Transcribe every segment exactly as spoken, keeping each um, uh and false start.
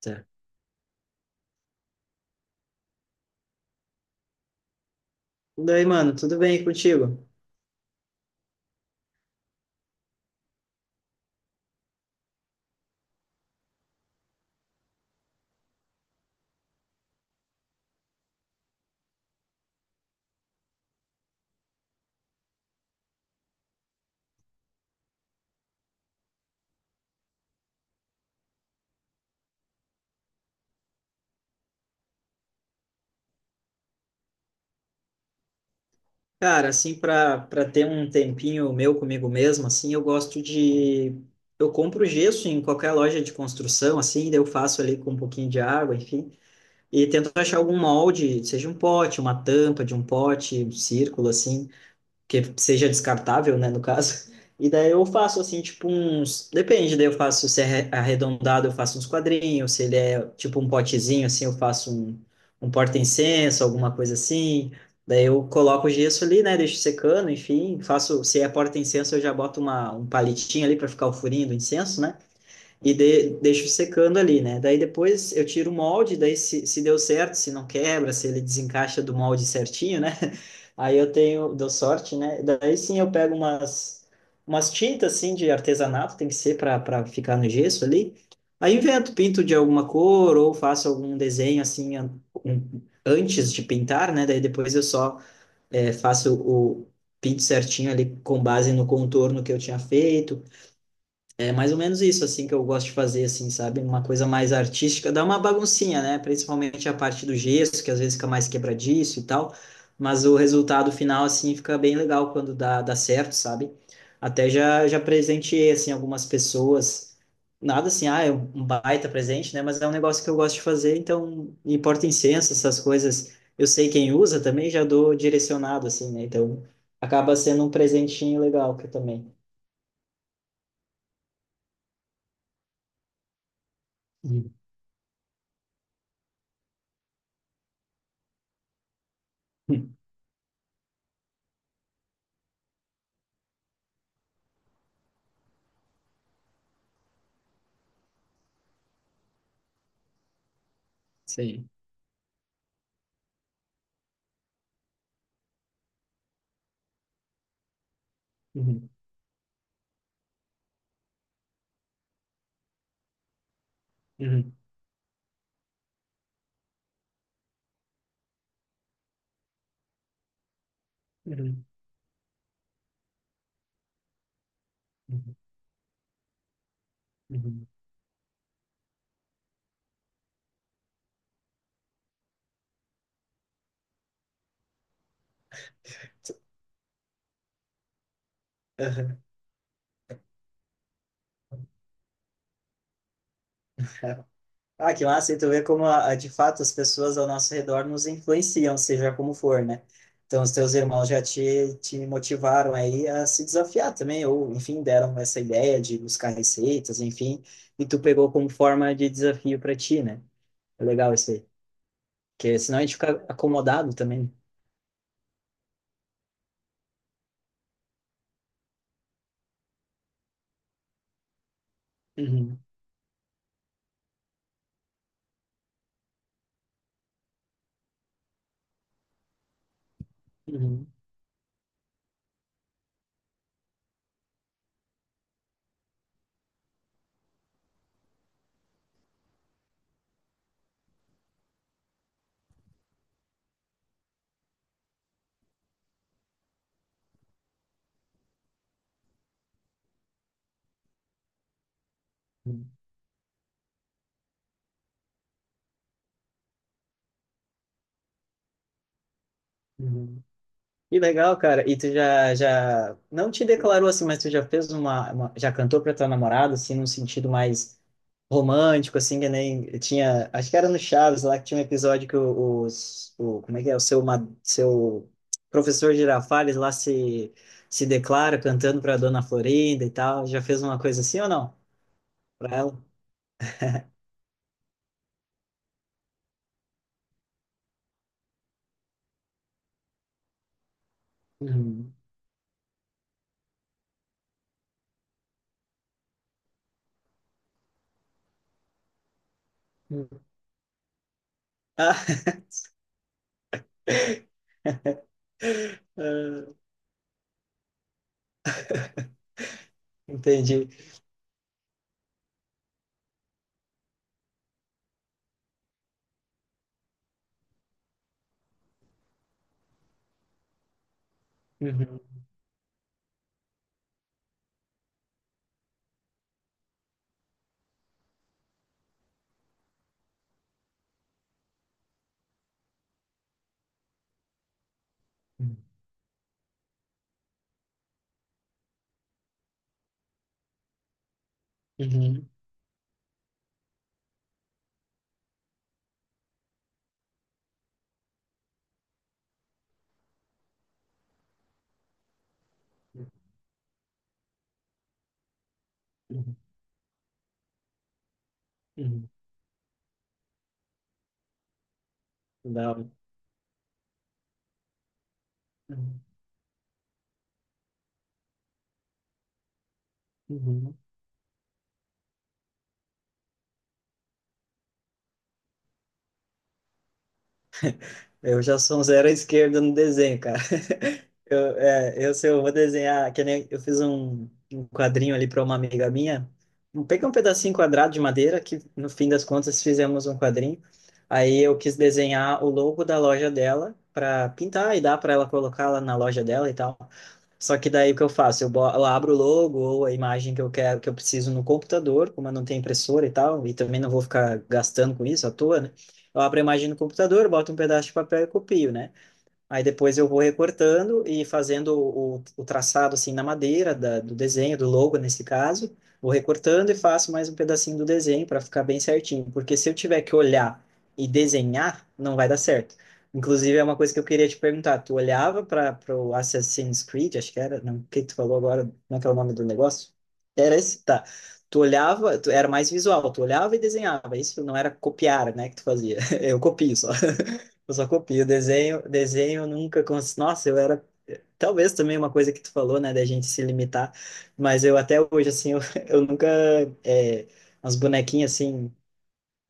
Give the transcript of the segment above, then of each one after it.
Tá. E daí, mano, tudo bem contigo? Cara, assim, para para ter um tempinho meu comigo mesmo, assim, eu gosto de. Eu compro gesso em qualquer loja de construção, assim, daí eu faço ali com um pouquinho de água, enfim, e tento achar algum molde, seja um pote, uma tampa de um pote, um círculo, assim. Que seja descartável, né, no caso. E daí eu faço assim, tipo uns, depende, daí eu faço se é arredondado, eu faço uns quadrinhos, se ele é tipo um potezinho assim, eu faço um, um porta-incenso, alguma coisa assim. Daí eu coloco o gesso ali, né, deixo secando, enfim, faço, se é porta-incenso eu já boto uma, um palitinho ali para ficar o furinho do incenso, né? E de, deixo secando ali, né? Daí depois eu tiro o molde, daí se, se deu certo, se não quebra, se ele desencaixa do molde certinho, né? Aí eu tenho, deu sorte, né? Daí sim eu pego umas, umas tintas assim de artesanato, tem que ser para ficar no gesso ali. Aí invento, pinto de alguma cor ou faço algum desenho assim an- um- antes de pintar, né? Daí depois eu só eh, faço o pinto certinho ali com base no contorno que eu tinha feito. É mais ou menos isso, assim, que eu gosto de fazer, assim, sabe? Uma coisa mais artística. Dá uma baguncinha, né? Principalmente a parte do gesso, que às vezes fica mais quebradiço e tal. Mas o resultado final, assim, fica bem legal quando dá, dá certo, sabe? Até já, já presenteei, assim, algumas pessoas. Nada assim, ah, é um baita presente, né? Mas é um negócio que eu gosto de fazer, então... E porta-incenso, essas coisas. Eu sei quem usa também, já dou direcionado, assim, né? Então, acaba sendo um presentinho legal que eu também. Hum. Sim. Uhum, uhum, uhum, uhum, uhum. Aham. Ah, que massa, e tu vê como, a, a, de fato, as pessoas ao nosso redor nos influenciam, seja como for, né? Então, os teus irmãos já te, te motivaram aí a se desafiar também, ou, enfim, deram essa ideia de buscar receitas, enfim, e tu pegou como forma de desafio para ti, né? É legal isso aí, porque senão a gente fica acomodado também. Uhum, uhum, uhum, uhum. Que legal, cara. E tu já, já não te declarou assim, mas tu já fez uma, uma- já cantou pra tua namorada assim num sentido mais romântico assim, que nem tinha, acho que era no Chaves lá que tinha um episódio que o, os- o como é que é, o seu ma- seu professor Girafales lá se se declara cantando pra Dona Florinda e tal. Já fez uma coisa assim ou não? Pra ela? Uhum. Uhum. Ah, ah, entendi. Uhum. Uhum. Uhum. Uhum. Uhum. Uhum. Uhum. Eu já sou um zero à esquerda no desenho, cara. Eu, é, eu, se eu vou desenhar, que nem eu fiz um, um quadrinho ali para uma amiga minha. Eu peguei um pedacinho quadrado de madeira, que no fim das contas fizemos um quadrinho. Aí eu quis desenhar o logo da loja dela para pintar e dar para ela colocar lá na loja dela e tal. Só que daí o que eu faço? Eu, bo- eu abro o logo ou a imagem que eu quero, que eu preciso no computador, como eu não tenho impressora e tal, e também não vou ficar gastando com isso à toa, né? Eu abro a imagem no computador, boto um pedaço de papel e copio, né? Aí depois eu vou recortando e fazendo o, o traçado assim na madeira da, do desenho, do logo nesse caso. Vou recortando e faço mais um pedacinho do desenho para ficar bem certinho. Porque se eu tiver que olhar e desenhar, não vai dar certo. Inclusive, é uma coisa que eu queria te perguntar. Tu olhava para o Assassin's Creed, acho que era, não, o que que tu falou agora? Como é que é o nome do negócio? Era esse? Tá. Tu olhava, tu, era mais visual, tu olhava e desenhava. Isso não era copiar, né, que tu fazia. Eu copio só. Eu só copio. Desenho, desenho eu nunca cons... Nossa, eu era. Talvez também uma coisa que tu falou, né, da gente se limitar, mas eu até hoje, assim, eu, eu nunca. É, umas bonequinhas, assim,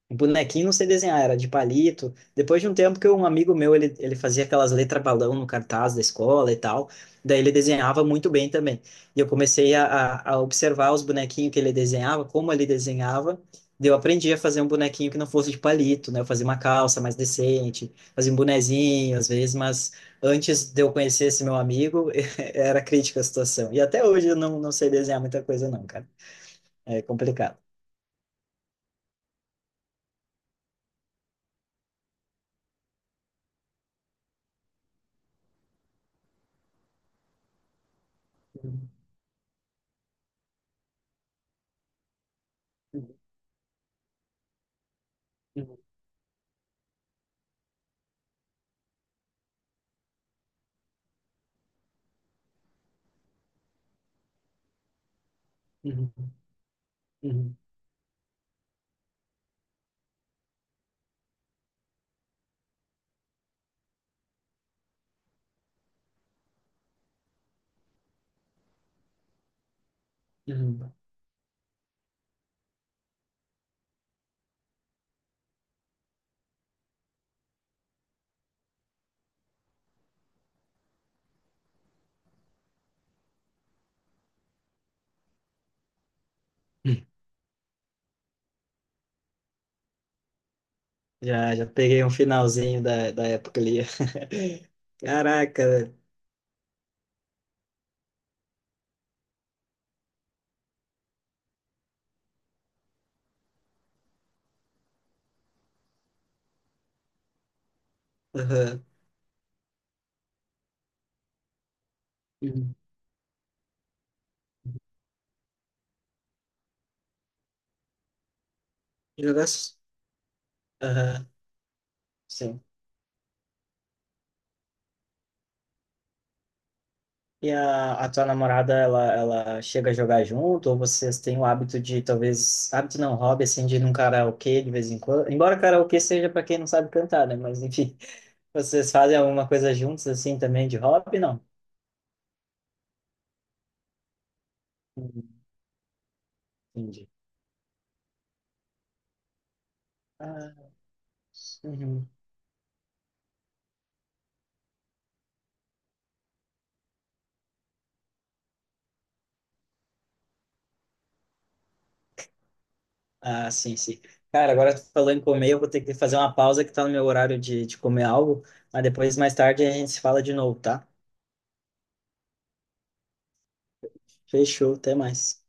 o bonequinho não sei desenhar, era de palito. Depois de um tempo que um amigo meu, ele, ele fazia aquelas letras balão no cartaz da escola e tal, daí ele desenhava muito bem também. E eu comecei a, a, a observar os bonequinhos que ele desenhava, como ele desenhava, daí eu aprendi a fazer um bonequinho que não fosse de palito, né? Eu fazia uma calça mais decente, fazia um bonezinho às vezes, mas antes de eu conhecer esse meu amigo, era crítica a situação. E até hoje eu não, não sei desenhar muita coisa não, cara. É complicado. Uhum, uhum, uhum, uhum. Já, já peguei um finalzinho da, da época ali. Caraca, velho. Aham. Uhum. Jogar. s- Aham, sim. E a, a tua namorada, ela, ela chega a jogar junto? Ou vocês têm o hábito de, talvez, hábito não, hobby, assim, de ir num karaokê de vez em quando? Embora karaokê seja para quem não sabe cantar, né? Mas, enfim, vocês fazem alguma coisa juntos, assim, também de hobby? Não. Uhum. Entendi. Ah, uhum. Ah, sim, sim. Cara, agora tu falando em comer, eu vou ter que fazer uma pausa que tá no meu horário de, de comer algo, mas depois, mais tarde, a gente se fala de novo, tá? Fechou, até mais.